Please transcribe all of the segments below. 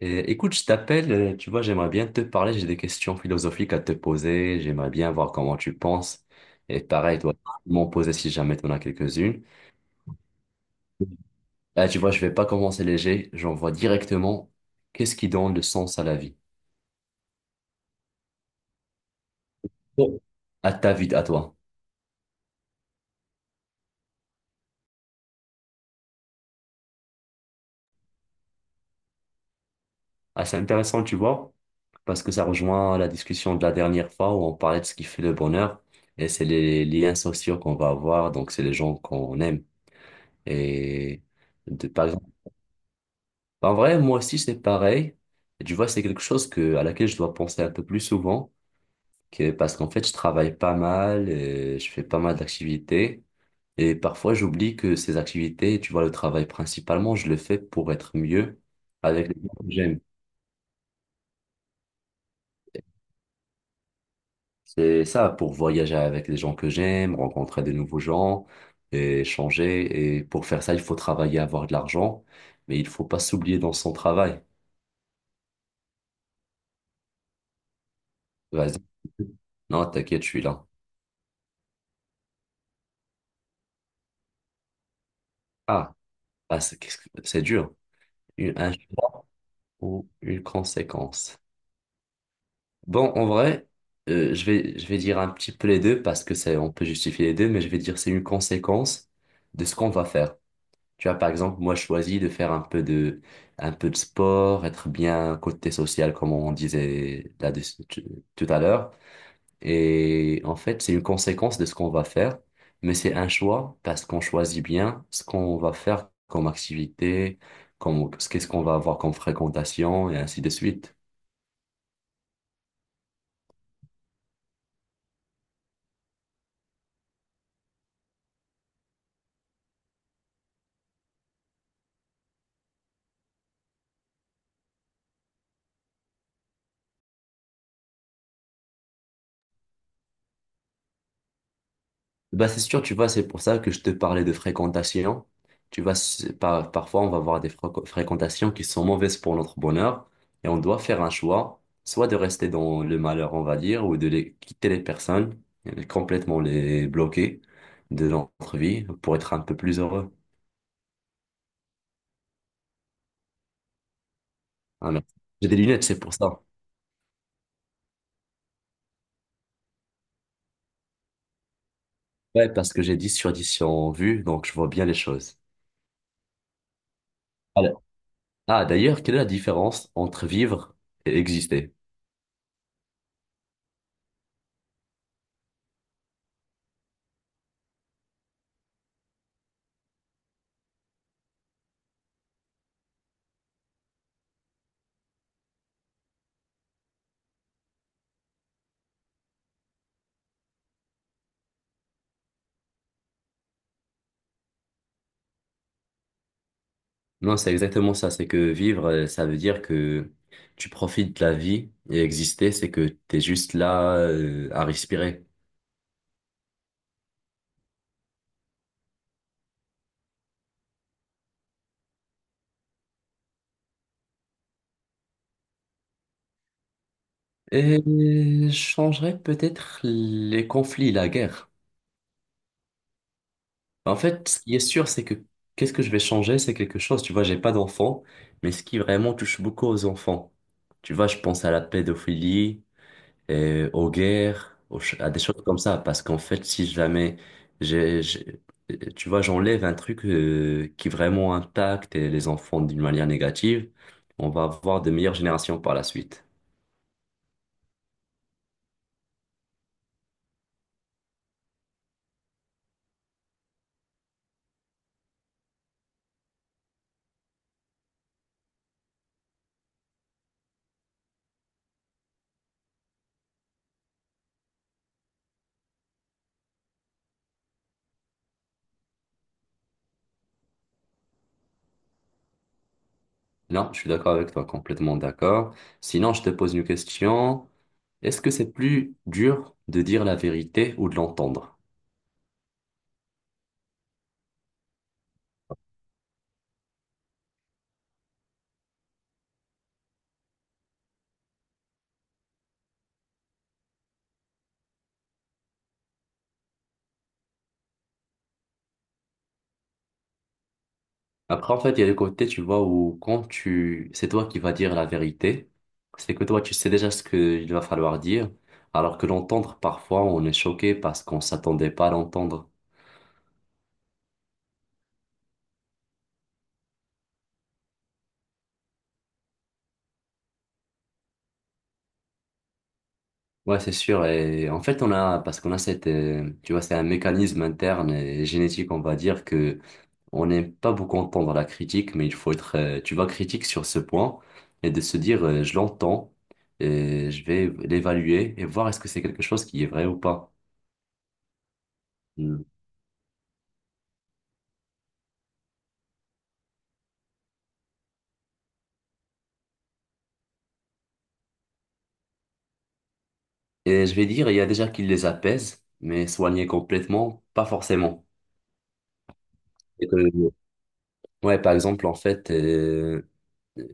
Et écoute, je t'appelle, tu vois, j'aimerais bien te parler, j'ai des questions philosophiques à te poser, j'aimerais bien voir comment tu penses. Et pareil, toi, tu peux m'en poser si jamais tu en as quelques-unes. Là, tu vois, je vais pas commencer léger, j'envoie directement qu'est-ce qui donne le sens à la vie, Bon. À ta vie, à toi. Ah, c'est intéressant, tu vois, parce que ça rejoint la discussion de la dernière fois où on parlait de ce qui fait le bonheur, et c'est les liens sociaux qu'on va avoir, donc c'est les gens qu'on aime. Et de, par exemple, bah, en vrai, moi aussi, c'est pareil. Et tu vois, c'est quelque chose que, à laquelle je dois penser un peu plus souvent, que, parce qu'en fait, je travaille pas mal, et je fais pas mal d'activités, et parfois, j'oublie que ces activités, tu vois, le travail principalement, je le fais pour être mieux avec les gens que j'aime. C'est ça, pour voyager avec les gens que j'aime, rencontrer de nouveaux gens, et changer. Et pour faire ça, il faut travailler, avoir de l'argent, mais il faut pas s'oublier dans son travail. Vas-y. Non, t'inquiète, je suis là. Ah. Ah, c'est c'est dur. Une, un- ou une conséquence. Bon, en vrai, je vais dire un petit peu les deux parce que c'est, on peut justifier les deux, mais je vais dire c'est une conséquence de ce qu'on va faire. Tu vois, par exemple, moi, je choisis de faire un peu de sport, être bien côté social, comme on disait là tout à l'heure. Et en fait, c'est une conséquence de ce qu'on va faire, mais c'est un choix parce qu'on choisit bien ce qu'on va faire comme activité, comme, ce qu'est-ce qu'on va avoir comme fréquentation et ainsi de suite. Bah, c'est sûr, tu vois, c'est pour ça que je te parlais de fréquentation. Tu vois, c'est parfois, on va avoir des fréquentations qui sont mauvaises pour notre bonheur et on doit faire un choix, soit de rester dans le malheur, on va dire, ou de les, quitter les personnes, complètement les bloquer de notre vie pour être un peu plus heureux. Ah, non. J'ai des lunettes, c'est pour ça. Ouais, parce que j'ai 10 sur 10 en vue, donc je vois bien les choses. Alors- ah, d'ailleurs, quelle est la différence entre vivre et exister? Non, c'est exactement ça. C'est que vivre, ça veut dire que tu profites de la vie et exister, c'est que t'es juste là, à respirer. Et je changerais peut-être les conflits, la guerre. En fait, ce qui est sûr, c'est que qu'est-ce que je vais changer, c'est quelque chose. Tu vois, j'ai pas d'enfants, mais ce qui vraiment touche beaucoup aux enfants. Tu vois, je pense à la pédophilie, aux guerres, à des choses comme ça. Parce qu'en fait, si jamais, j'ai, j'ai- tu vois, j'enlève un truc qui vraiment impacte les enfants d'une manière négative, on va avoir de meilleures générations par la suite. Non, je suis d'accord avec toi, complètement d'accord. Sinon, je te pose une question. Est-ce que c'est plus dur de dire la vérité ou de l'entendre? Après, en fait, il y a le côté, tu vois, où quand tu, c'est toi qui vas dire la vérité, c'est que toi, tu sais déjà ce qu'il va falloir dire, alors que l'entendre, parfois, on est choqué parce qu'on s'attendait pas à l'entendre. Ouais, c'est sûr. Et en fait, on a, parce qu'on a cette, tu vois, c'est un mécanisme interne et génétique, on va dire que on n'aime pas beaucoup entendre la critique, mais il faut être, tu vois, critique sur ce point et de se dire, je l'entends et je vais l'évaluer et voir est-ce que c'est quelque chose qui est vrai ou pas. Et je vais dire, il y a déjà qui les apaisent, mais soigner complètement, pas forcément. Et que- ouais, par exemple, en fait, euh,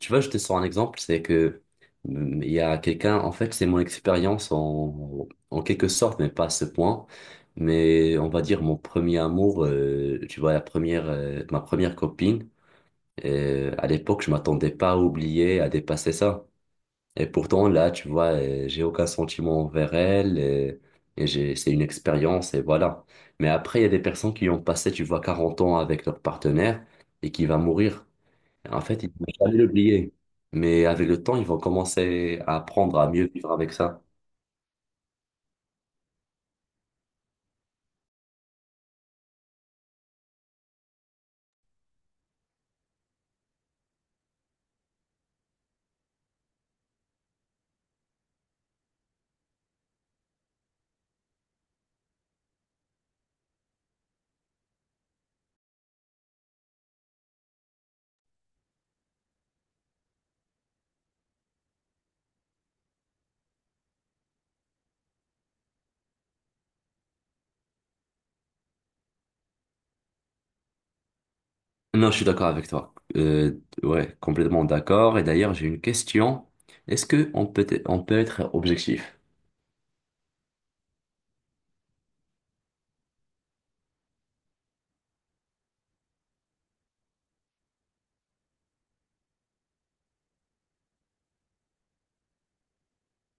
tu vois, je te sors un exemple, c'est que il y a quelqu'un, en fait, c'est mon expérience en quelque sorte, mais pas à ce point. Mais on va dire mon premier amour, tu vois, ma première copine, à l'époque, je m'attendais pas à oublier, à dépasser ça. Et pourtant, là, tu vois, j'ai aucun sentiment envers elle. Et j'ai, c'est une expérience et voilà. Mais après, il y a des personnes qui ont passé, tu vois, 40 ans avec leur partenaire et qui va mourir. En fait, ils vont jamais l'oublier. Mais avec le temps, ils vont commencer à apprendre à mieux vivre avec ça. Non, je suis d'accord avec toi. Ouais, complètement d'accord. Et d'ailleurs, j'ai une question. Est-ce que on peut être objectif?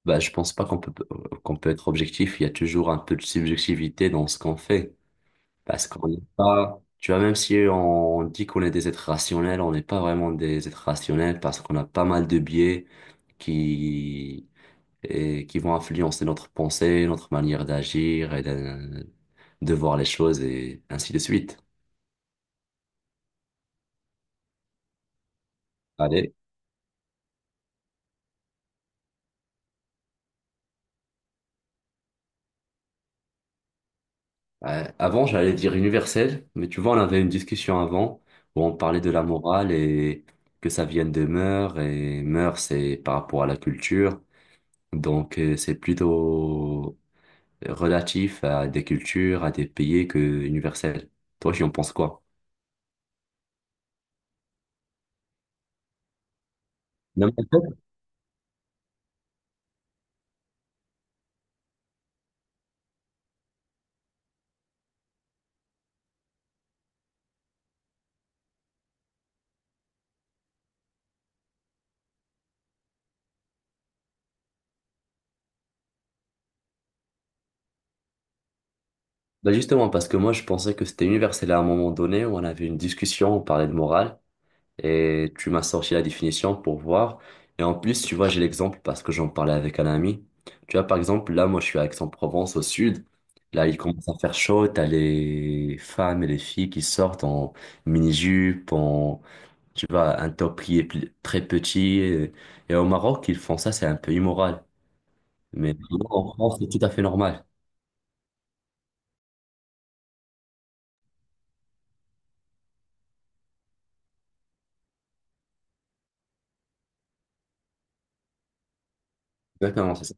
Bah, je pense pas qu'on peut, qu'on peut être objectif. Il y a toujours un peu de subjectivité dans ce qu'on fait. Parce qu'on n'est pas, tu vois, même si on, dit qu'on est des êtres rationnels, on n'est pas vraiment des êtres rationnels parce qu'on a pas mal de biais qui, et qui vont influencer notre pensée, notre manière de voir les choses et ainsi de suite. Allez, avant j'allais dire universel, mais tu vois, on avait une discussion avant où on parlait de la morale et que ça vienne de mœurs et mœurs c'est par rapport à la culture. Donc c'est plutôt relatif à des cultures, à des pays que universel. Toi, tu en penses quoi? Non, mais en fait, bah justement, parce que moi, je pensais que c'était universel à un moment donné où on avait une discussion, on parlait de morale, et tu m'as sorti la définition pour voir. Et en plus, tu vois, j'ai l'exemple parce que j'en parlais avec un ami. Tu vois, par exemple, là, moi, je suis à Aix-en-Provence, au sud. Là, il commence à faire chaud, t'as les femmes et les filles qui sortent en mini-jupe, en tu vas à un top qui est très petit. Et, au Maroc, ils font ça, c'est un peu immoral. Mais sinon, en France, c'est tout à fait normal. Exactement, c'est ça.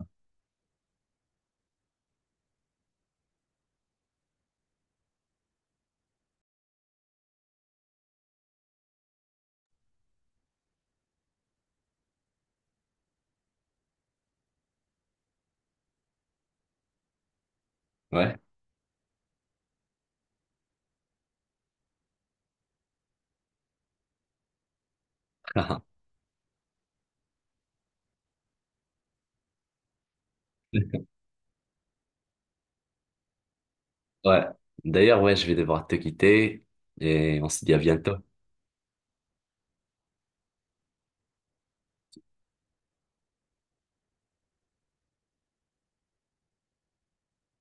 Ouais. Ouais. D'ailleurs, ouais, je vais devoir te quitter. Et on se dit à bientôt.